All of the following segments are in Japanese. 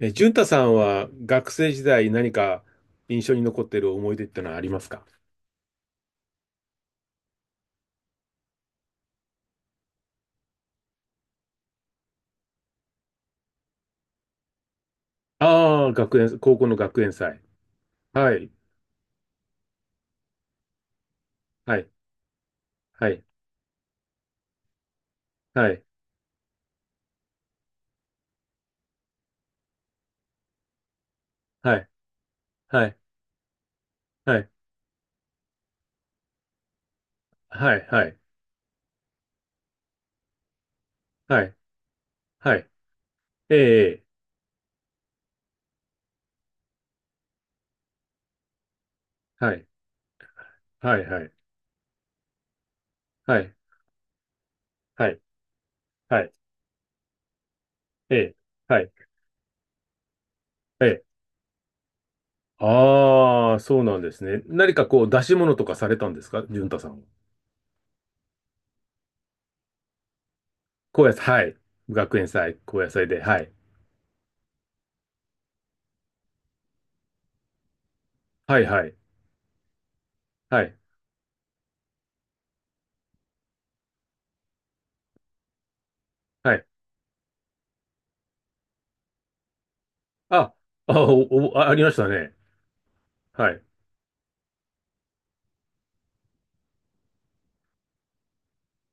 淳太さんは学生時代何か印象に残っている思い出ってのはありますか？ああー、高校の学園祭。はい、はい、はい、はい、はい、はい、はい、はい、はい、はい、はい、ええ、はい、はい、はい、はい、はい、はい、ええ、はい、ええ。ああ、そうなんですね。何かこう出し物とかされたんですか、淳太さんは？高野菜、はい。学園祭、高野祭で、はい、はい、はい、はい、はい、あ、あ、お、ありましたね。はい。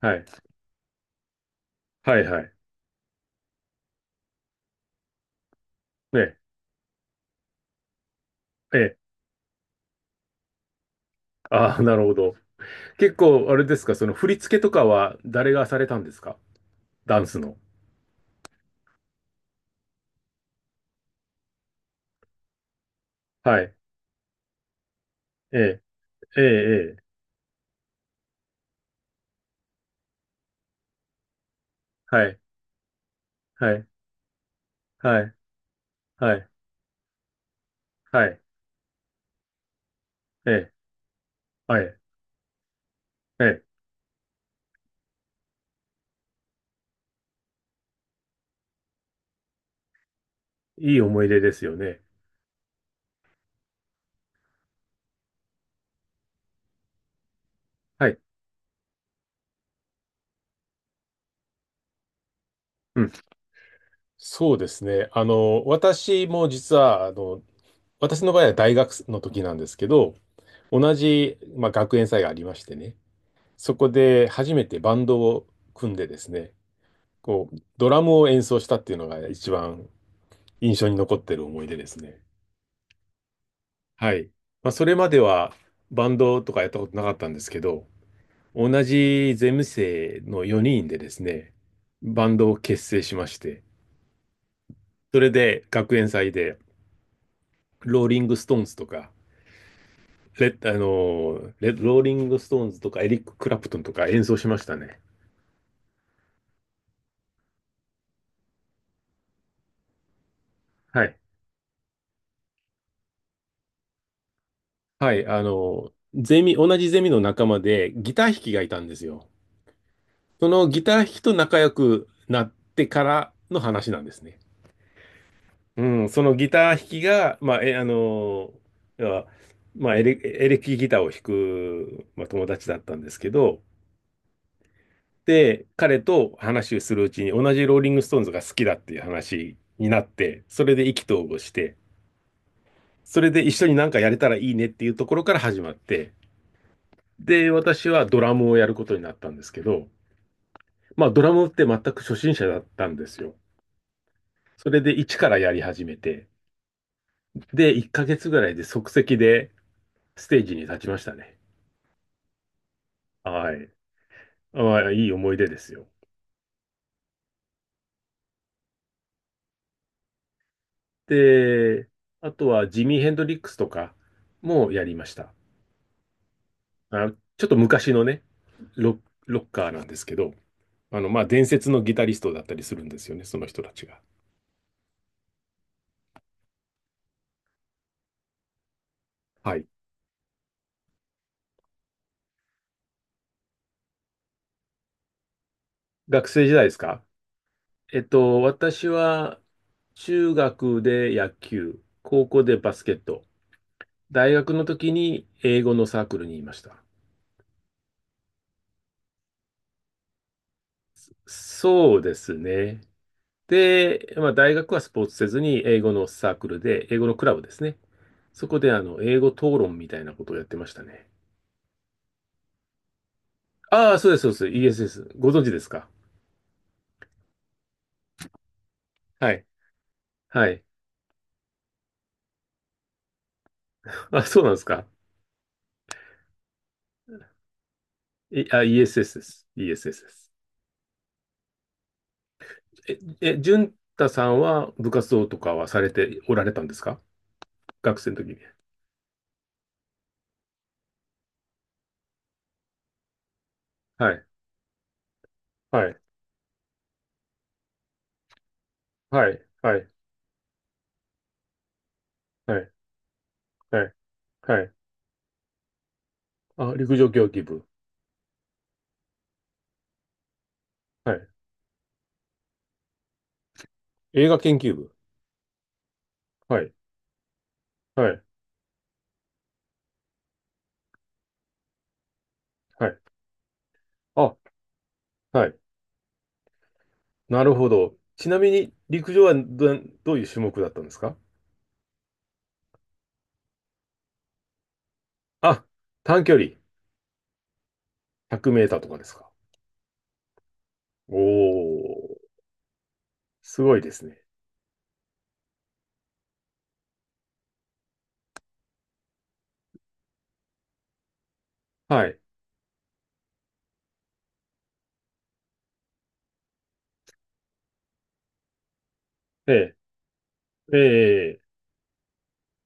はい。はい、はい。ね。ええ。ああ、なるほど。結構、あれですか、その振り付けとかは誰がされたんですか、ダンスの。はい。ええ、ええ、ええ。はい。はい。はい。はい。はい。ええ、はい。ええ。いい思い出ですよね。はい。うん。そうですね。あの、私も実は、あの、私の場合は大学の時なんですけど、同じ、まあ、学園祭がありましてね。そこで初めてバンドを組んでですね、こう、ドラムを演奏したっていうのが一番印象に残ってる思い出ですね。はい。まあ、それまではバンドとかやったことなかったんですけど、同じゼム生の4人でですね、バンドを結成しまして、それで学園祭で、ローリング・ストーンズとか、レッローリング・ストーンズとか、エリック・クラプトンとか演奏しましたね。はい。はい、あの、同じゼミの仲間でギター弾きがいたんですよ。そのギター弾きと仲良くなってからの話なんですね。うん、そのギター弾きが、まあ、あの、要はまあ、エレキギターを弾く、まあ、友達だったんですけど、で、彼と話をするうちに同じローリングストーンズが好きだっていう話になって、それで意気投合して、それで一緒になんかやれたらいいねっていうところから始まって、で、私はドラムをやることになったんですけど、まあ、ドラムって全く初心者だったんですよ。それで一からやり始めて、で、1ヶ月ぐらいで即席でステージに立ちましたね。はい。まあ、いい思い出ですよ。で、あとはジミー・ヘンドリックスとかもやりました。あ、ちょっと昔のね、ロ、ロッカーなんですけど、あの、まあ、伝説のギタリストだったりするんですよね、その人たちが。はい。学生時代ですか？私は中学で野球、高校でバスケット、大学の時に英語のサークルにいました。そうですね。で、まあ、大学はスポーツせずに英語のサークルで、英語のクラブですね。そこであの英語討論みたいなことをやってましたね。ああ、そうです、そうです。ESS。ご存知ですか？はい。はい。あ、そうなんですか。ESS です。ESS です。淳太さんは部活動とかはされておられたんですか、学生の時に？はい。はい。はい。はい。はい。はい。はい。あ、陸上競技部。はい。映画研究部。はい。はい。はい。あ、はい。なるほど。ちなみに、陸上はど、ういう種目だったんですか？あ、短距離。100メーターとかですか？おー、すごいですね。はい。ええ、ええ、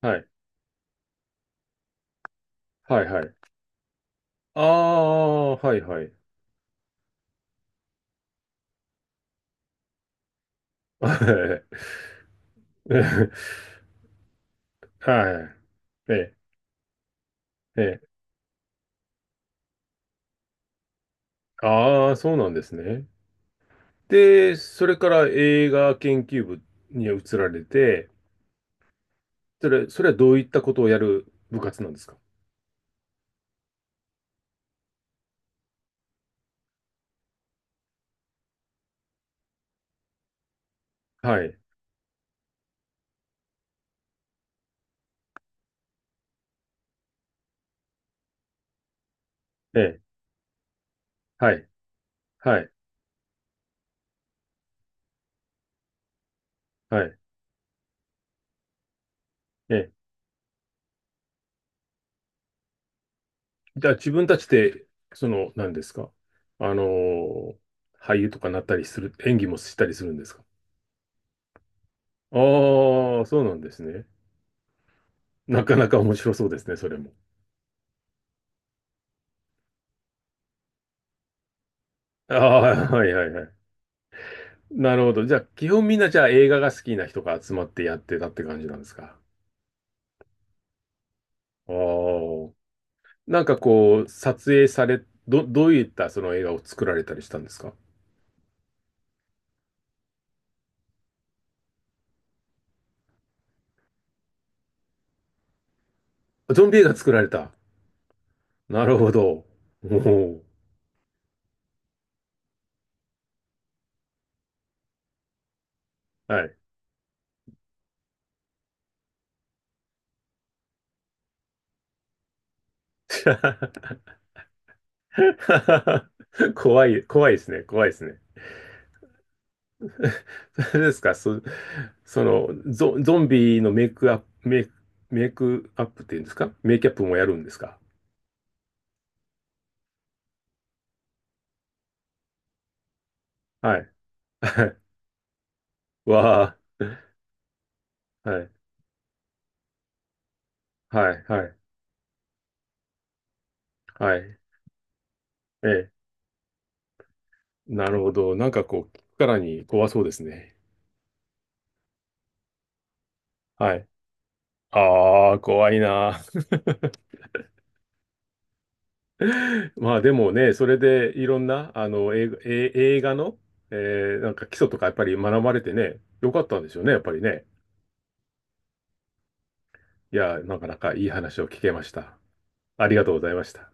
はい。はい、はい。ああ、はい、はい。はい。ええ、ええ。ああ、そうなんですね。で、それから映画研究部に移られて、それはどういったことをやる部活なんですか？はい。ええ。はい。はい。はい。ええ。じゃあ自分たちで、その、何ですか？あのー俳優とかなったりする、演技もしたりするんですか？ああー、そうなんですね。なかなか面白そうですね、それも。ああ、はいはいはい。なるほど。じゃあ、基本みんなじゃあ映画が好きな人が集まってやってたって感じなんですか。ああ。なんかこう、撮影され、ど、どういったその映画を作られたりしたんですか？ゾンビ映画作られた。なるほど。おお。はい。怖い、怖いですね。怖いですね。それですか、その、ゾンビのメイクアップ、メイクアップっていうんですか？メイキャップもやるんですか？はい。はい。わあ。はい。はい。はい。はい。ええ。なるほど。なんかこう、聞くからに怖そうですね。はい。ああ、怖いな。まあでもね、それでいろんな、あの、映画の、えなんか基礎とかやっぱり学ばれてね、よかったんでしょうね、やっぱりね。いや、なかなかいい話を聞けました。ありがとうございました。